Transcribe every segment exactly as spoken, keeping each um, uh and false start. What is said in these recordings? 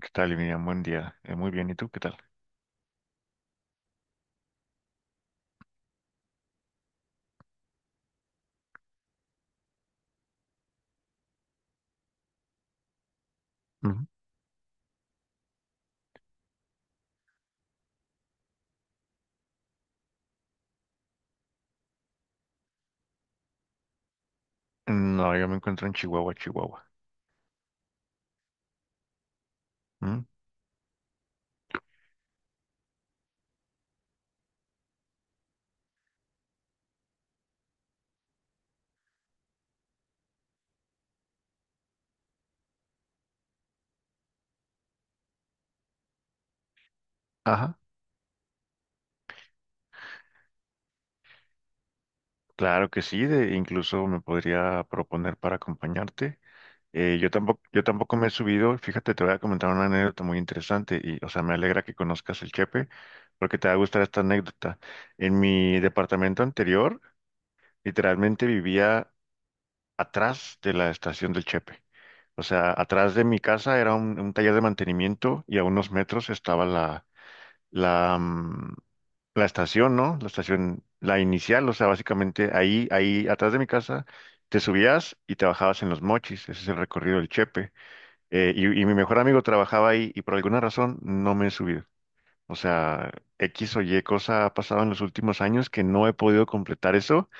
¿Qué tal, Miriam? Buen día. Eh, muy bien, ¿y tú qué tal? Ujú. No, yo me encuentro en Chihuahua, Chihuahua. Mm. Ajá. Claro que sí, de, incluso me podría proponer para acompañarte. Eh, yo tampoco, yo tampoco me he subido. Fíjate, te voy a comentar una anécdota muy interesante y, o sea, me alegra que conozcas el Chepe porque te va a gustar esta anécdota. En mi departamento anterior, literalmente vivía atrás de la estación del Chepe. O sea, atrás de mi casa era un, un taller de mantenimiento y a unos metros estaba la, mm, la estación, ¿no? La estación, la inicial, o sea, básicamente ahí, ahí atrás de mi casa, te subías y te bajabas en Los Mochis, ese es el recorrido del Chepe. Eh, y, y mi mejor amigo trabajaba ahí y por alguna razón no me he subido. O sea, X o Y cosa ha pasado en los últimos años que no he podido completar eso.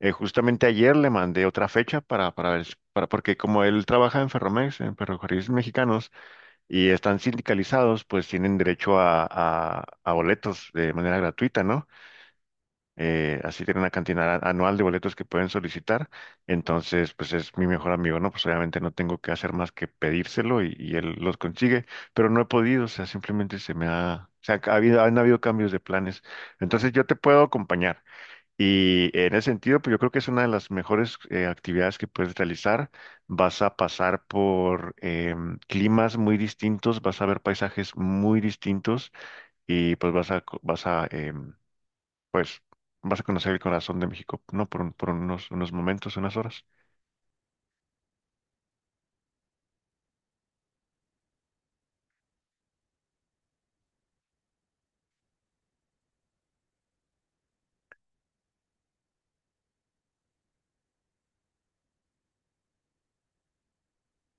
Eh, justamente ayer le mandé otra fecha para, para ver, si- para, porque como él trabaja en Ferromex, en Ferrocarriles Mexicanos, y están sindicalizados, pues tienen derecho a, a- a boletos de manera gratuita, ¿no? Eh, así tienen una cantidad anual de boletos que pueden solicitar. Entonces, pues es mi mejor amigo, ¿no? Pues obviamente no tengo que hacer más que pedírselo y, y él los consigue, pero no he podido, o sea, simplemente se me ha, o sea, ha habido, han habido cambios de planes. Entonces, yo te puedo acompañar. Y en ese sentido, pues yo creo que es una de las mejores eh, actividades que puedes realizar. Vas a pasar por em, climas muy distintos, vas a ver paisajes muy distintos y pues vas a, co- vas a, em, pues, vas a conocer el corazón de México, ¿no? Por, un- por unos, unos momentos, unas horas.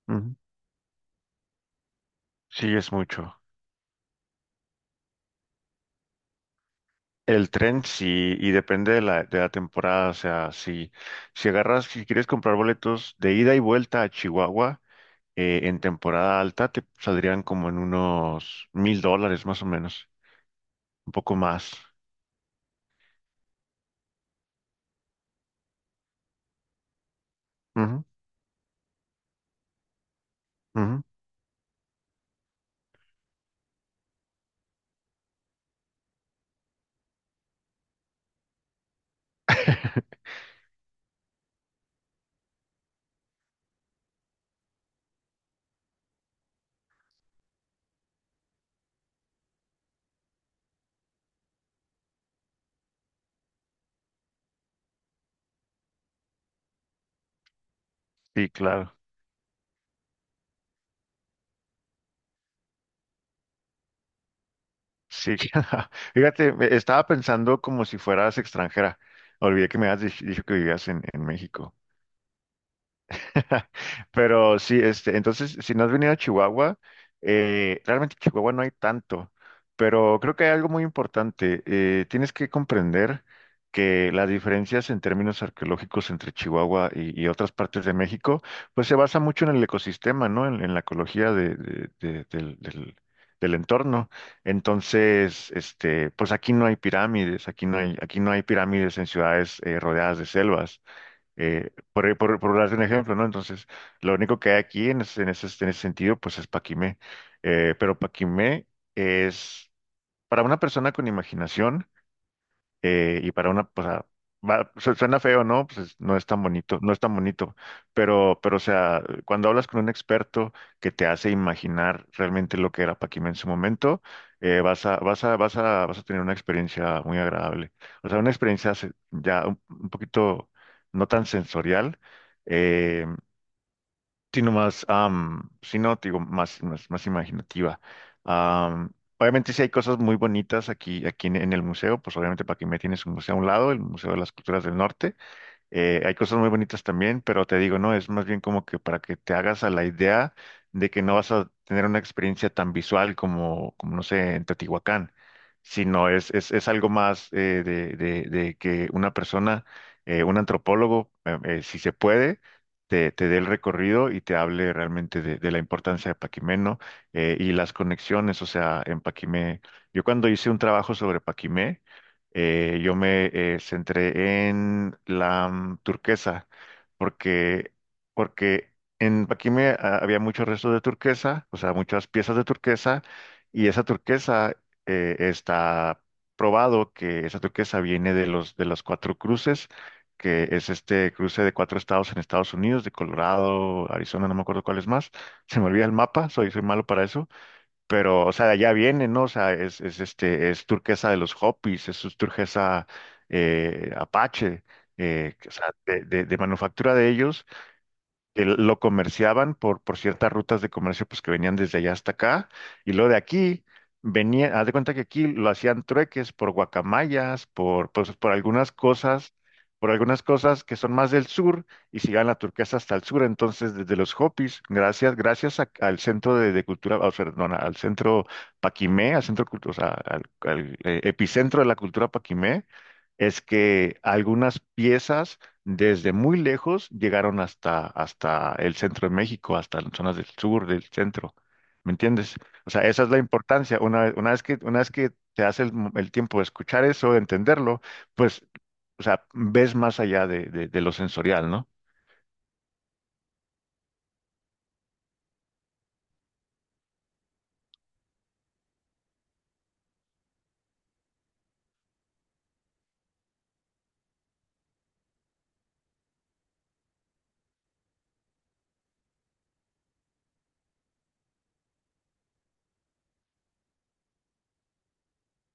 Ujú. Sí, es mucho. El tren sí, y depende de la, de la temporada, o sea, si, si agarras, si quieres comprar boletos de ida y vuelta a Chihuahua, eh, en temporada alta te saldrían como en unos mil dólares más o menos, un poco más. Ujú, ujú. Sí, claro. Sí, fíjate, me- estaba pensando como si fueras extranjera. Olvidé que me habías dich- dicho que vivías en, en México. Pero sí, este, entonces, si no has venido a Chihuahua, eh, realmente en Chihuahua no hay tanto, pero creo que hay algo muy importante. Eh, tienes que comprender que las diferencias en términos arqueológicos entre Chihuahua y, y otras partes de México, pues se basa mucho en el ecosistema, ¿no? En, en la ecología de- de- de- del, del del entorno. Entonces, este, pues aquí no hay pirámides, aquí no hay, aquí no hay pirámides en ciudades eh, rodeadas de selvas eh, por, eh, por, por darte un ejemplo, ¿no? Entonces, lo único que hay aquí en ese, en ese, en ese sentido, pues es Paquimé. Eh, pero Paquimé es, para una persona con imaginación, eh, y para una, pues, ah, va- su- suena feo, ¿no? Pues es- no es tan bonito, no es tan bonito, pero, pero, o sea, cuando hablas con un experto que te hace imaginar realmente lo que era Paquim en su momento, eh, vas a, vas a, vas a, vas a tener una experiencia muy agradable. O sea, una experiencia se- ya un, un poquito no tan sensorial, eh, sino más, am, sino, te digo, más, más, más imaginativa. Am, obviamente sí hay cosas muy bonitas aquí, aquí en, en el museo, pues obviamente para que me tienes un museo a un lado, el Museo de las Culturas del Norte. Eh, hay cosas muy bonitas también, pero te digo, no, es más bien como que para que te hagas a la idea de que no vas a tener una experiencia tan visual como, como no sé, en Teotihuacán, sino es, es, es algo más eh, de, de, de que una persona, eh, un antropólogo, eh, eh, si se puede, te, te dé el recorrido y te hable realmente de, de la importancia de Paquimé, ¿no? Eh, y las conexiones, o sea, en Paquimé. Yo cuando hice un trabajo sobre Paquimé, eh, yo me eh, centré en la mm, turquesa porque, porque en aquí me ah, había muchos restos de turquesa, o sea, muchas piezas de turquesa y esa turquesa eh, está probado que esa turquesa viene de los de los cuatro cruces, que es este cruce de cuatro estados en Estados Unidos, de Colorado, Arizona, no me acuerdo cuál es más. Se me olvida el mapa, soy soy malo para eso pero, o sea, de allá viene, ¿no? O sea, es, es este, es turquesa de los Hopis, es su turquesa eh, Apache, eh, que, o sea, de, de- de manufactura de ellos, que lo comerciaban por, por ciertas rutas de comercio pues que venían desde allá hasta acá y luego de aquí venía, haz de cuenta que aquí lo hacían trueques por guacamayas, por pues, por algunas cosas, por algunas cosas que son más del sur y se llevan la turquesa hasta el sur, entonces desde los Hopis, gracias gracias a- al centro de, de cultura, o sea, perdona, al centro Paquimé, al centro cultu- o sea, al, al, eh, epicentro de la cultura Paquimé es que algunas piezas desde muy lejos llegaron hasta, hasta el centro de México, hasta las zonas del sur, del centro. ¿Me entiendes? O sea, esa es la importancia. Una, vez- una vez que, una vez que te hace el, mo- el tiempo de escuchar eso, de entenderlo, pues, o sea, ves más allá de, de- de lo sensorial, ¿no?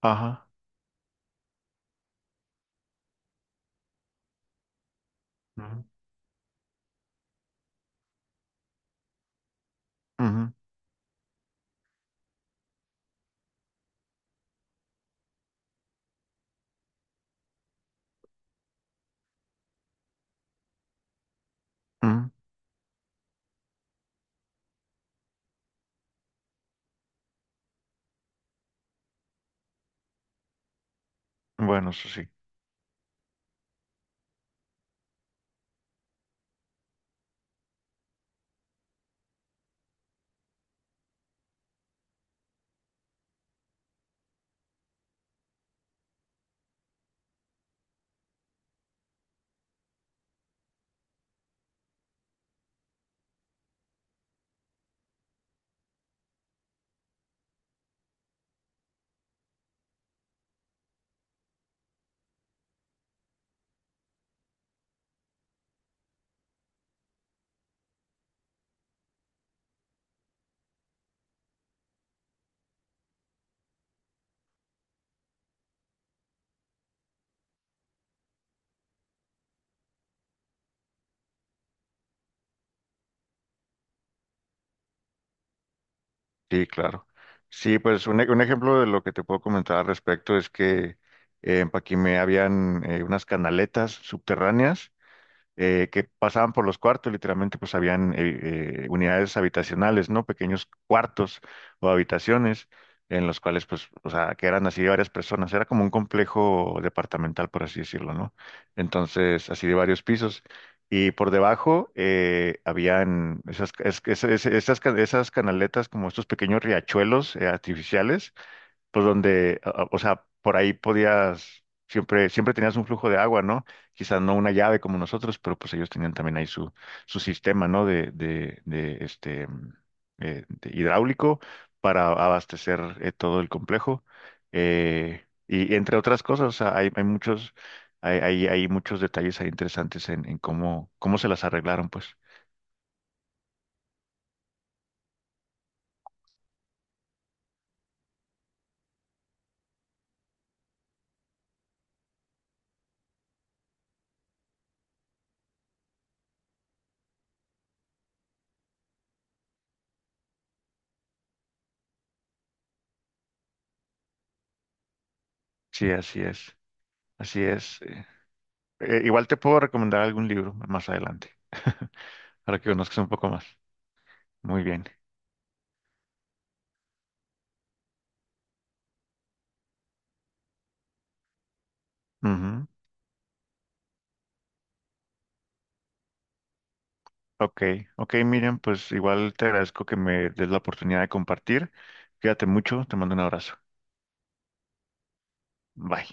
Ajá. Ujú, ujú, ujú. Bueno, eso sí. Sí, claro. Sí, pues un, e- un ejemplo de lo que te puedo comentar al respecto es que eh, en Paquimé habían eh, unas canaletas subterráneas eh, que pasaban por los cuartos, literalmente pues habían eh, eh, unidades habitacionales, ¿no? Pequeños cuartos o habitaciones en los cuales pues, o sea, que eran así de varias personas, era como un complejo departamental, por así decirlo, ¿no? Entonces, así de varios pisos. Y por debajo eh, habían esas, es- es- es- esas, ca- esas canaletas, como estos pequeños riachuelos eh, artificiales, pues donde, a- a- o sea, por ahí podías, siempre, siempre tenías un flujo de agua, ¿no? Quizás no una llave como nosotros, pero pues ellos tenían también ahí su, su sistema, ¿no? De, de, de este, mm, eh, de hidráulico para abastecer eh, todo el complejo. Eh, y entre otras cosas, o sea, hay, hay muchos, hay, hay, hay muchos detalles ahí interesantes en, en cómo, cómo se las arreglaron, pues. Sí, así es, así es. Eh, eh, igual te puedo recomendar algún libro más adelante. Para que conozcas un poco más. Muy bien. Ujú. Ok, ok, Miriam, pues igual te agradezco que me des la oportunidad de compartir. Cuídate mucho, te mando un abrazo. Bye.